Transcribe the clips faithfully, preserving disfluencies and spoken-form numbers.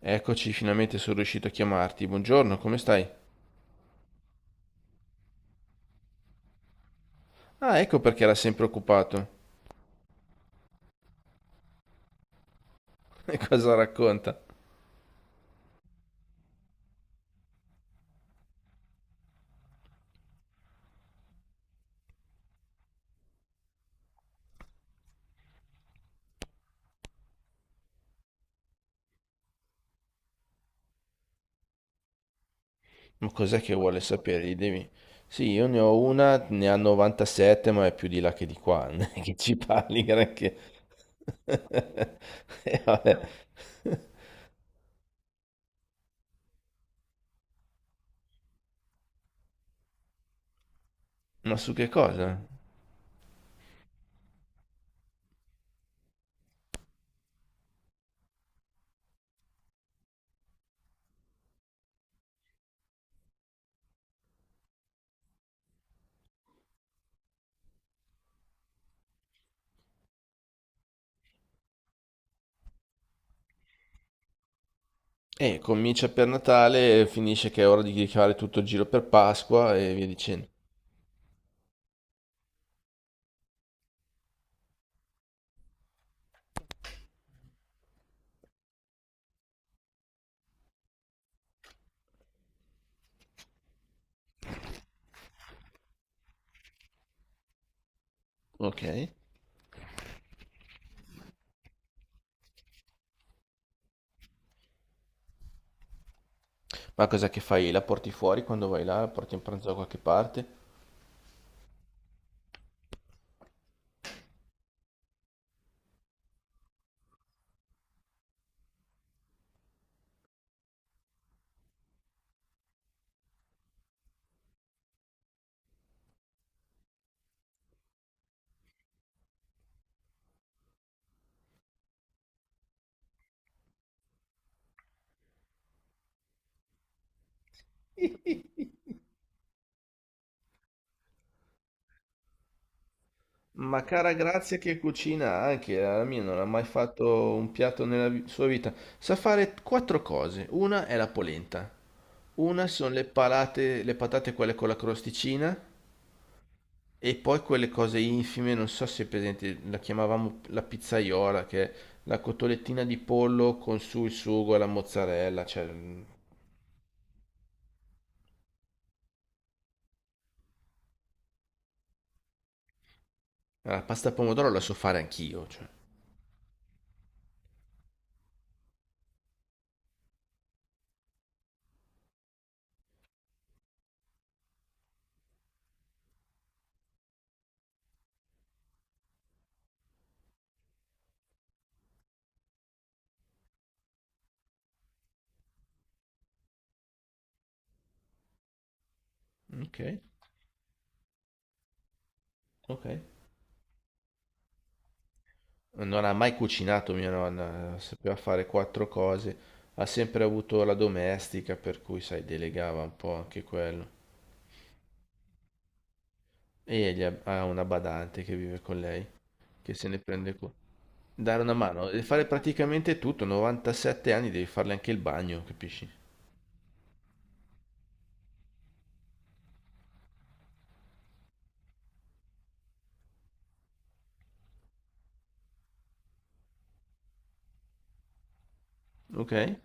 Eccoci, finalmente sono riuscito a chiamarti. Buongiorno, come stai? Ah, ecco perché era sempre occupato. E cosa racconta? Ma cos'è che vuole sapere? Gli devi... Sì, io ne ho una, ne ha novantasette, ma è più di là che di qua. Non è che ci parli granché. E vabbè. Ma su che cosa? Eh, comincia per Natale, finisce che è ora di fare tutto il giro per Pasqua e via dicendo. Ok. Ma cos'è che fai? La porti fuori quando vai là? La porti in pranzo da qualche parte? Ma cara Grazia che cucina anche, eh, la mia non ha mai fatto un piatto nella vi- sua vita. Sa fare quattro cose. Una è la polenta, una sono le palate, le patate quelle con la crosticina e poi quelle cose infime, non so se è presente, la chiamavamo la pizzaiola, che è la cotolettina di pollo con su il sugo e la mozzarella, cioè mm, la pasta al pomodoro la so fare anch'io, cioè. Ok, ok. Non ha mai cucinato mia nonna, sapeva fare quattro cose, ha sempre avuto la domestica, per cui, sai, delegava un po' anche quello. E egli ha ha una badante che vive con lei, che se ne prende cura. Dare una mano, e fare praticamente tutto, novantasette anni devi farle anche il bagno, capisci? Ok?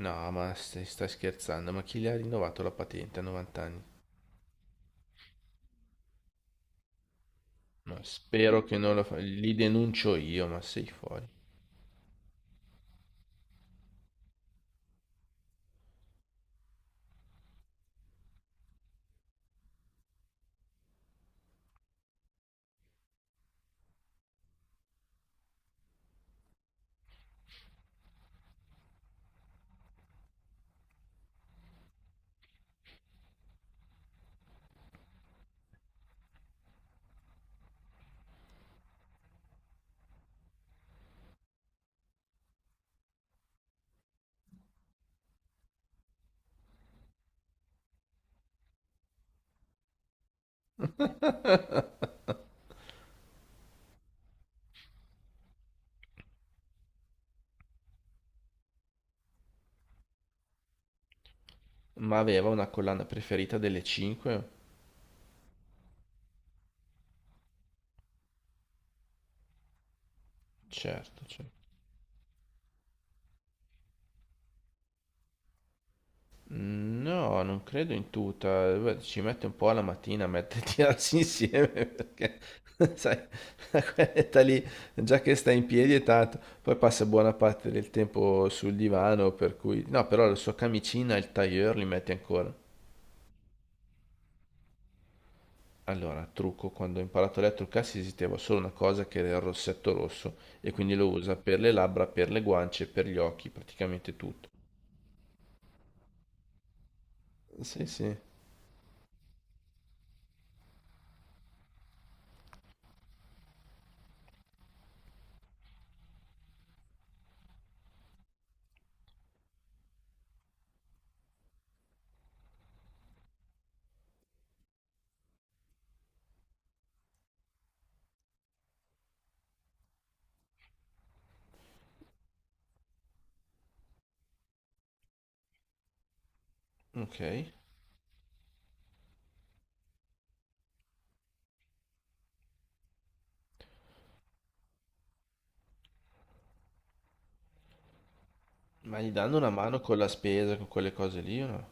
No, ma stai, stai scherzando, ma chi le ha rinnovato la patente a novanta anni? Ma spero che non lo fa, li denuncio io, ma sei fuori. Ma aveva una collana preferita delle cinque? Certo, certo. No, non credo in tuta. Beh, ci mette un po' alla mattina a metterti a tirarsi insieme perché, sai, quell'età lì, già che stai in piedi è tanto. Poi passa buona parte del tempo sul divano, per cui... No, però la sua camicina e il tailleur li metti ancora. Allora, trucco, quando ho imparato a lei a truccarsi esisteva solo una cosa che era il rossetto rosso e quindi lo usa per le labbra, per le guance, per gli occhi, praticamente tutto. Sì, sì. Ok. Ma gli danno una mano con la spesa, con quelle cose lì o no?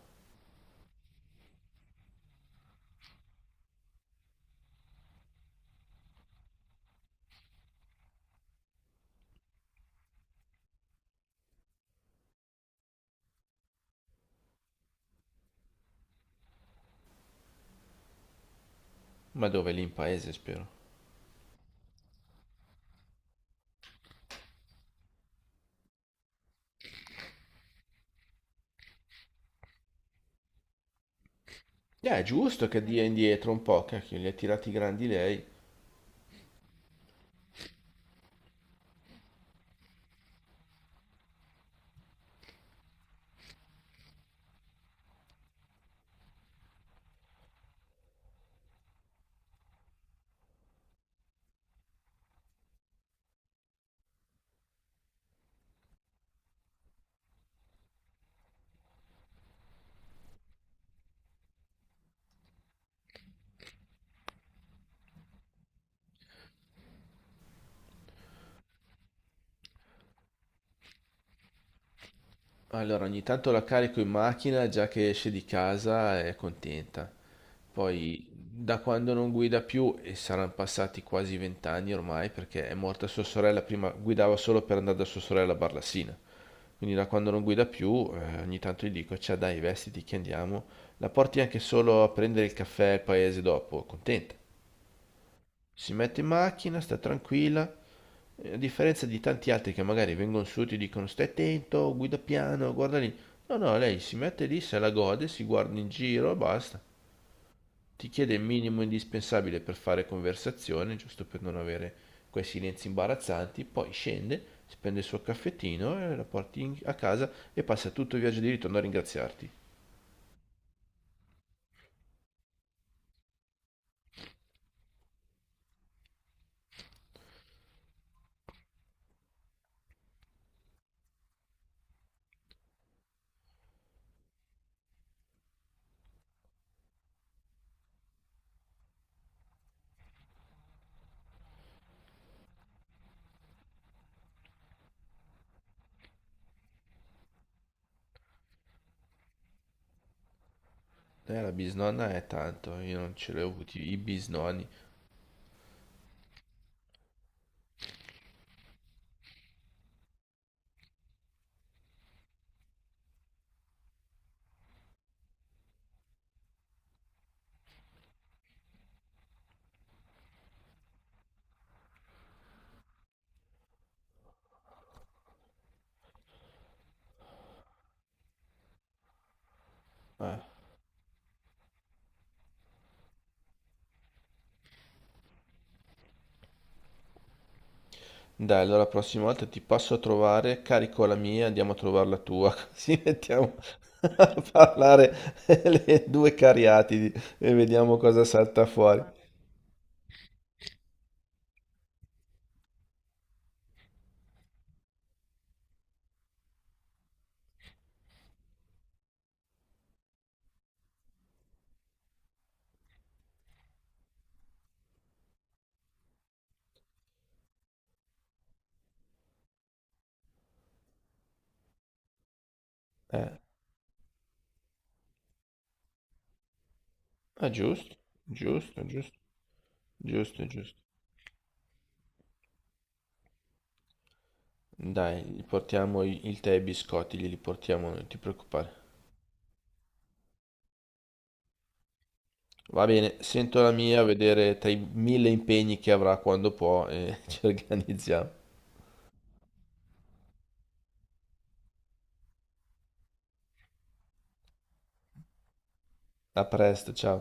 Ma dove? Lì in paese, spero. Eh, è giusto che dia indietro un po', cacchio, li ha tirati grandi lei. Allora, ogni tanto la carico in macchina già che esce di casa è contenta. Poi, da quando non guida più, e saranno passati quasi vent'anni ormai, perché è morta sua sorella, prima guidava solo per andare da sua sorella a Barlassina. Quindi da quando non guida più, eh, ogni tanto gli dico, ciao dai, vestiti che andiamo. La porti anche solo a prendere il caffè al paese dopo, contenta. Si mette in macchina, sta tranquilla, eh, a differenza di tanti altri che magari vengono su e ti dicono stai attento, guida piano, guarda lì. No, no, lei si mette lì, se la gode, si guarda in giro e basta. Ti chiede il minimo indispensabile per fare conversazione, giusto per non avere quei silenzi imbarazzanti, poi scende, si prende il suo caffettino e la porti in- a casa e passa tutto il viaggio di ritorno a ringraziarti. Eh, la bisnonna è tanto, io non ce l'ho avuti i bisnonni. Ah, dai, allora la prossima volta ti passo a trovare, carico la mia, andiamo a trovare la tua, così mettiamo a parlare le due cariatidi e vediamo cosa salta fuori. Eh, ah, giusto, giusto, giusto, giusto, giusto. Dai, gli portiamo i- il tè e i biscotti, glieli portiamo, noi, non ti preoccupare. Va bene, sento la mia, a vedere tra i mille impegni che avrà quando può e ci organizziamo. A presto, ciao.